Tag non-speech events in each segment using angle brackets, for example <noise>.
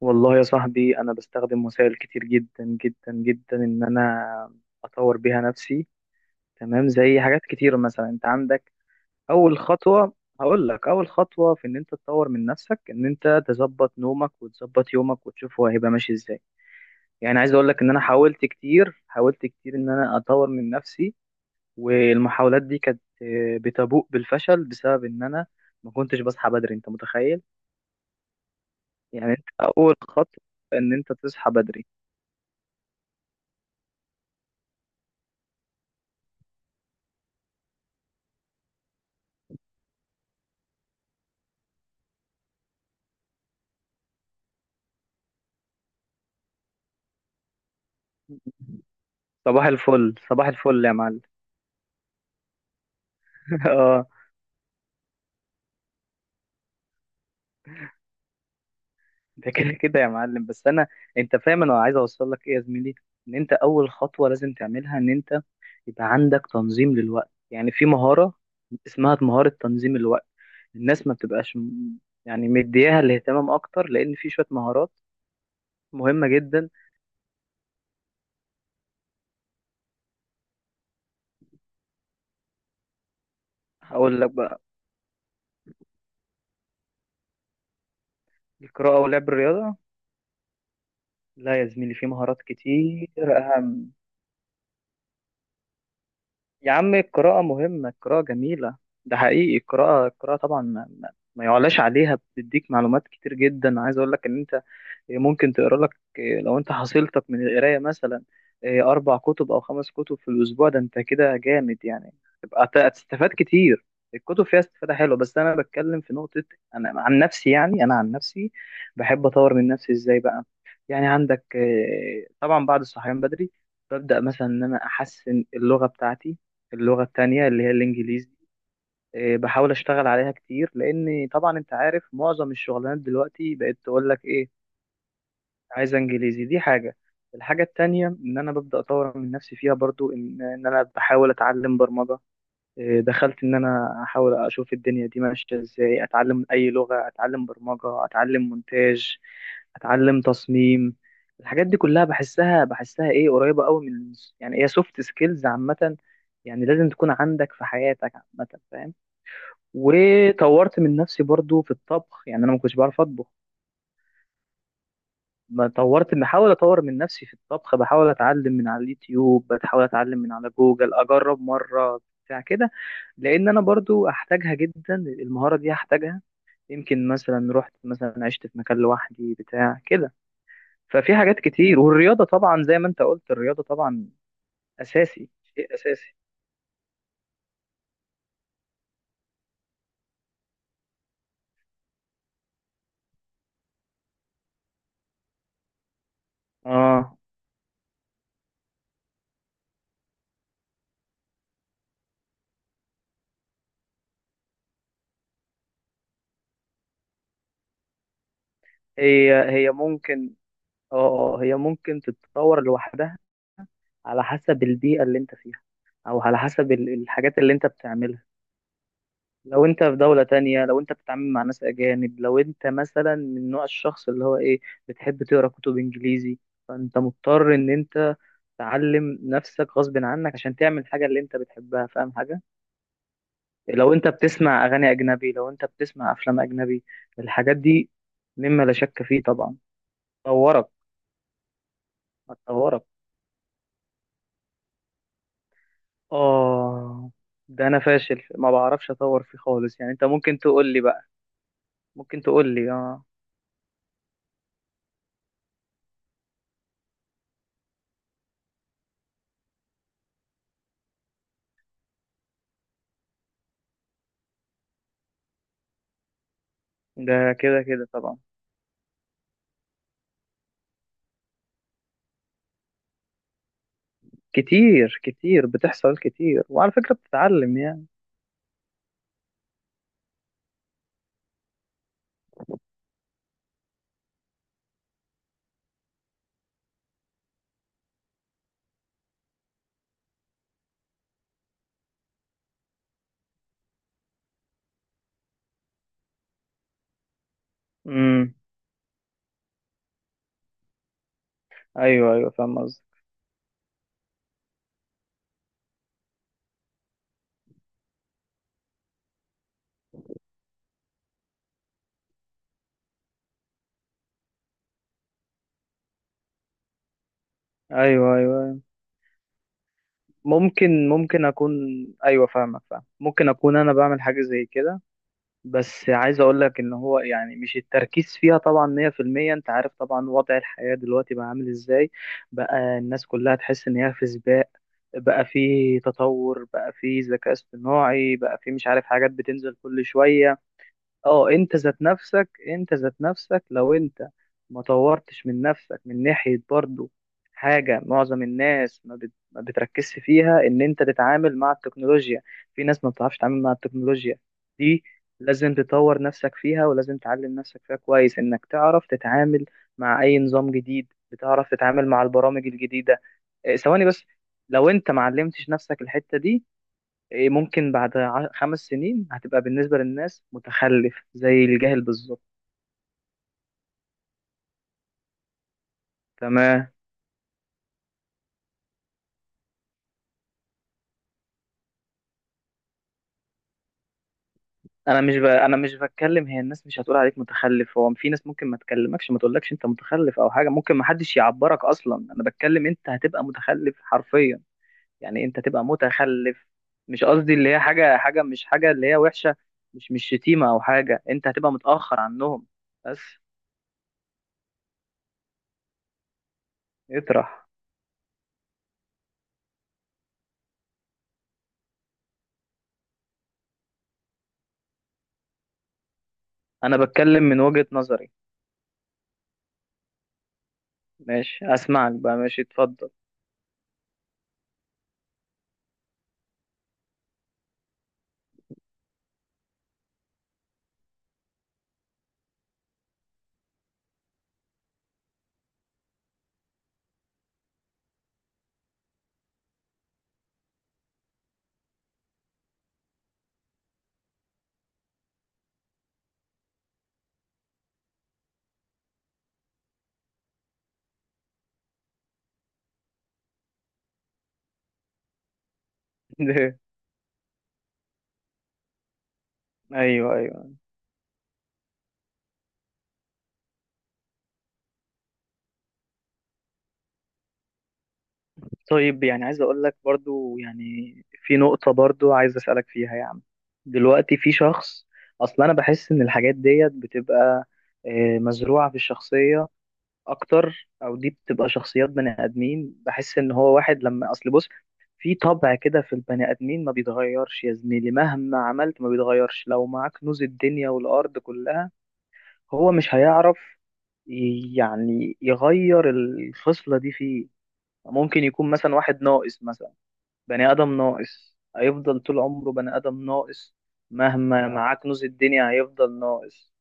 والله يا صاحبي، أنا بستخدم وسائل كتير جدا جدا جدا إن أنا أطور بيها نفسي. تمام. زي حاجات كتير، مثلا أنت عندك أول خطوة. هقول لك، أول خطوة في إن أنت تطور من نفسك إن أنت تظبط نومك وتظبط يومك وتشوف هو هيبقى ماشي إزاي. يعني عايز أقول لك إن أنا حاولت كتير حاولت كتير إن أنا أطور من نفسي، والمحاولات دي كانت بتبوء بالفشل بسبب إن أنا ما كنتش بصحى بدري. أنت متخيل؟ يعني أنت أول خطوة إن أنت تصحى بدري. صباح الفل صباح الفل يا معلم. <laughs> اه. ده كده كده يا معلم، بس انا، انت فاهم انا عايز اوصل لك ايه يا زميلي، ان انت اول خطوه لازم تعملها ان انت يبقى عندك تنظيم للوقت. يعني في مهاره اسمها مهاره تنظيم الوقت. الناس ما بتبقاش يعني مدياها الاهتمام اكتر، لان في شويه مهارات مهمه جدا. هقول لك بقى، القراءه ولعب الرياضه؟ لا يا زميلي، في مهارات كتير اهم. يا عم، القراءة مهمة، القراءة جميلة، ده حقيقي. القراءة القراءة طبعا ما, ما يعلاش عليها، بتديك معلومات كتير جدا. عايز اقول لك ان انت ممكن تقرا لك، لو انت حصيلتك من القرايه مثلا اربع كتب او خمس كتب في الاسبوع، ده انت كده جامد يعني. تبقى هتستفاد كتير، الكتب فيها استفاده حلوه. بس انا بتكلم في نقطه، انا عن نفسي يعني، انا عن نفسي بحب اطور من نفسي ازاي بقى. يعني عندك طبعا بعد الصحيان بدري، ببدا مثلا ان انا احسن اللغه بتاعتي، اللغه التانية اللي هي الانجليزي. بحاول اشتغل عليها كتير، لان طبعا انت عارف معظم الشغلانات دلوقتي بقت تقول لك ايه، عايز انجليزي. دي حاجه. الحاجه التانية ان انا ببدا اطور من نفسي فيها برضو، ان انا بحاول اتعلم برمجه. دخلت ان انا احاول اشوف الدنيا دي ماشيه ازاي، اتعلم اي لغه، اتعلم برمجه، اتعلم مونتاج، اتعلم تصميم. الحاجات دي كلها بحسها ايه، قريبه قوي من، يعني هي سوفت سكيلز عامه، يعني لازم تكون عندك في حياتك عامه، فاهم. وطورت من نفسي برضو في الطبخ، يعني انا ما كنتش بعرف اطبخ. ما طورت بحاول اطور من نفسي في الطبخ، بحاول اتعلم من على اليوتيوب، بحاول اتعلم من على جوجل، اجرب مره، بتاع كده. لان انا برضو احتاجها جدا، المهاره دي هحتاجها، يمكن مثلا رحت مثلا عشت في مكان لوحدي بتاع كده. ففي حاجات كتير، والرياضه طبعا زي ما انت قلت، الرياضه طبعا اساسي، شيء اساسي. اه. هي ممكن، اه، هي ممكن تتطور لوحدها، على حسب البيئه اللي انت فيها، او على حسب الحاجات اللي انت بتعملها. لو انت في دولة تانية، لو انت بتتعامل مع ناس اجانب، لو انت مثلا من نوع الشخص اللي هو ايه، بتحب تقرا كتب انجليزي، فانت مضطر ان انت تعلم نفسك غصب عنك عشان تعمل حاجة اللي انت بتحبها، فاهم حاجة؟ لو انت بتسمع اغاني اجنبي، لو انت بتسمع افلام اجنبي، الحاجات دي مما لا شك فيه طبعا طورك هتطورك. اه. ده انا فاشل ما بعرفش اطور فيه خالص، يعني انت ممكن تقول لي بقى، ممكن تقول لي. اه. ده كده كده طبعا. كتير كتير بتحصل، كتير وعلى فكرة بتتعلم يعني. امم. ايوه ايوه، فاهم قصدك. ايوه ايوه، أيوة. ممكن اكون، ايوه فاهمك فاهم، ممكن اكون انا بعمل حاجة زي كده. بس عايز اقول لك ان هو يعني، مش التركيز فيها طبعا 100%. انت عارف طبعا وضع الحياة دلوقتي بقى عامل ازاي، بقى الناس كلها تحس ان هي في سباق، بقى في تطور، بقى في ذكاء اصطناعي، بقى في مش عارف حاجات بتنزل كل شوية. اه. انت ذات نفسك انت ذات نفسك، لو انت ما طورتش من نفسك من ناحية برضو، حاجة معظم الناس ما بتركزش فيها، ان انت تتعامل مع التكنولوجيا. في ناس ما بتعرفش تتعامل مع التكنولوجيا دي، لازم تطور نفسك فيها ولازم تعلم نفسك فيها كويس، انك تعرف تتعامل مع اي نظام جديد، بتعرف تتعامل مع البرامج الجديدة. ثواني بس. لو انت ما علمتش نفسك الحتة دي، ممكن بعد خمس سنين هتبقى بالنسبة للناس متخلف، زي الجاهل بالظبط. تمام. انا مش بتكلم، هي الناس مش هتقول عليك متخلف، هو في ناس ممكن ما تكلمكش ما تقولكش انت متخلف او حاجة، ممكن ما حدش يعبرك اصلا. انا بتكلم انت هتبقى متخلف حرفيا، يعني انت تبقى متخلف. مش قصدي اللي هي حاجة، حاجة مش حاجة اللي هي وحشة، مش شتيمة او حاجة، انت هتبقى متأخر عنهم. بس اطرح. انا بتكلم من وجهة نظري. ماشي، اسمعك بقى. ماشي، اتفضل. <laughs> ايوه ايوه. طيب، يعني عايز اقول لك برضو، يعني في نقطة برضو عايز اسألك فيها يا عم. دلوقتي في شخص، اصلا انا بحس ان الحاجات ديت بتبقى مزروعة في الشخصية اكتر، او دي بتبقى شخصيات بني ادمين، بحس ان هو واحد لما اصل بص، في طبع كده في البني ادمين ما بيتغيرش يا زميلي، مهما عملت ما بيتغيرش، لو معاك كنوز الدنيا والارض كلها هو مش هيعرف يعني يغير الخصلة دي فيه. ممكن يكون مثلا واحد ناقص مثلا، بني آدم ناقص، هيفضل طول عمره بني آدم ناقص، مهما معاه كنوز الدنيا هيفضل ناقص.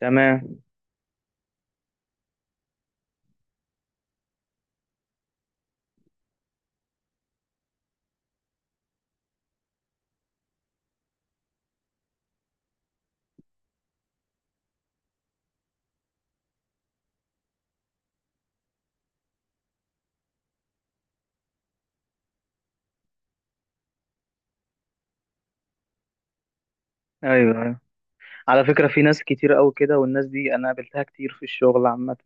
تمام. ايوه ايوه، على فكرة في ناس كتير قوي كده، والناس دي انا قابلتها كتير في الشغل عامة.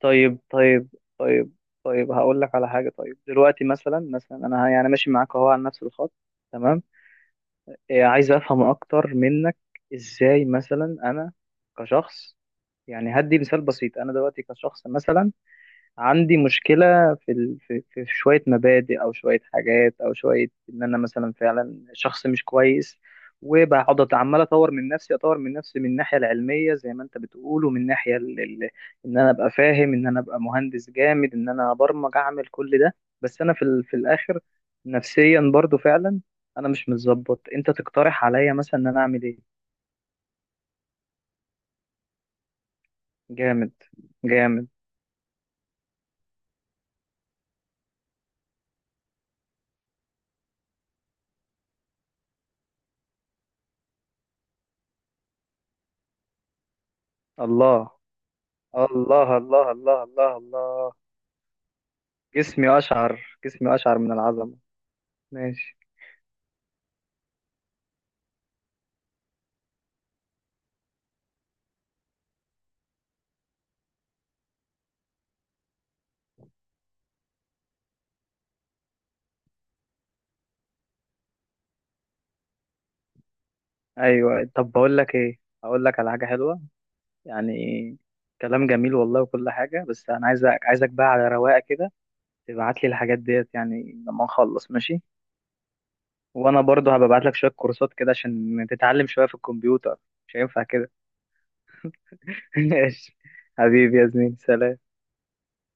طيب طيب. طيب طيب، هقول لك على حاجة. طيب دلوقتي مثلا، مثلا انا يعني ماشي معاك اهو على نفس الخط، تمام. إيه عايز افهم اكتر منك، ازاي مثلا انا كشخص، يعني هدي مثال بسيط، انا دلوقتي كشخص مثلا عندي مشكلة في ال... في في في شوية مبادئ، أو شوية حاجات، أو شوية إن أنا مثلا فعلا شخص مش كويس. وبقعد عمال أطور من نفسي أطور من نفسي من الناحية العلمية زي ما أنت بتقول، ومن الناحية إن أنا أبقى فاهم، إن أنا أبقى مهندس جامد، إن أنا أبرمج، أعمل كل ده. بس أنا في الآخر نفسيا برضو فعلا أنا مش متظبط. أنت تقترح عليا مثلا إن أنا أعمل إيه؟ جامد جامد. الله الله الله الله الله الله. جسمي أشعر، جسمي أشعر من العظمة. ماشي. أيوة، طب بقول لك إيه، هقول لك على حاجة حلوة يعني، كلام جميل والله وكل حاجة، بس أنا عايزك بقى على رواقة كده تبعت لي الحاجات ديت، يعني لما نخلص، ماشي؟ وأنا برضو هبقى ابعت لك شوية كورسات كده عشان تتعلم شوية في الكمبيوتر، مش هينفع كده. <laughs> ماشي. حبيبي يا زميلي، سلام.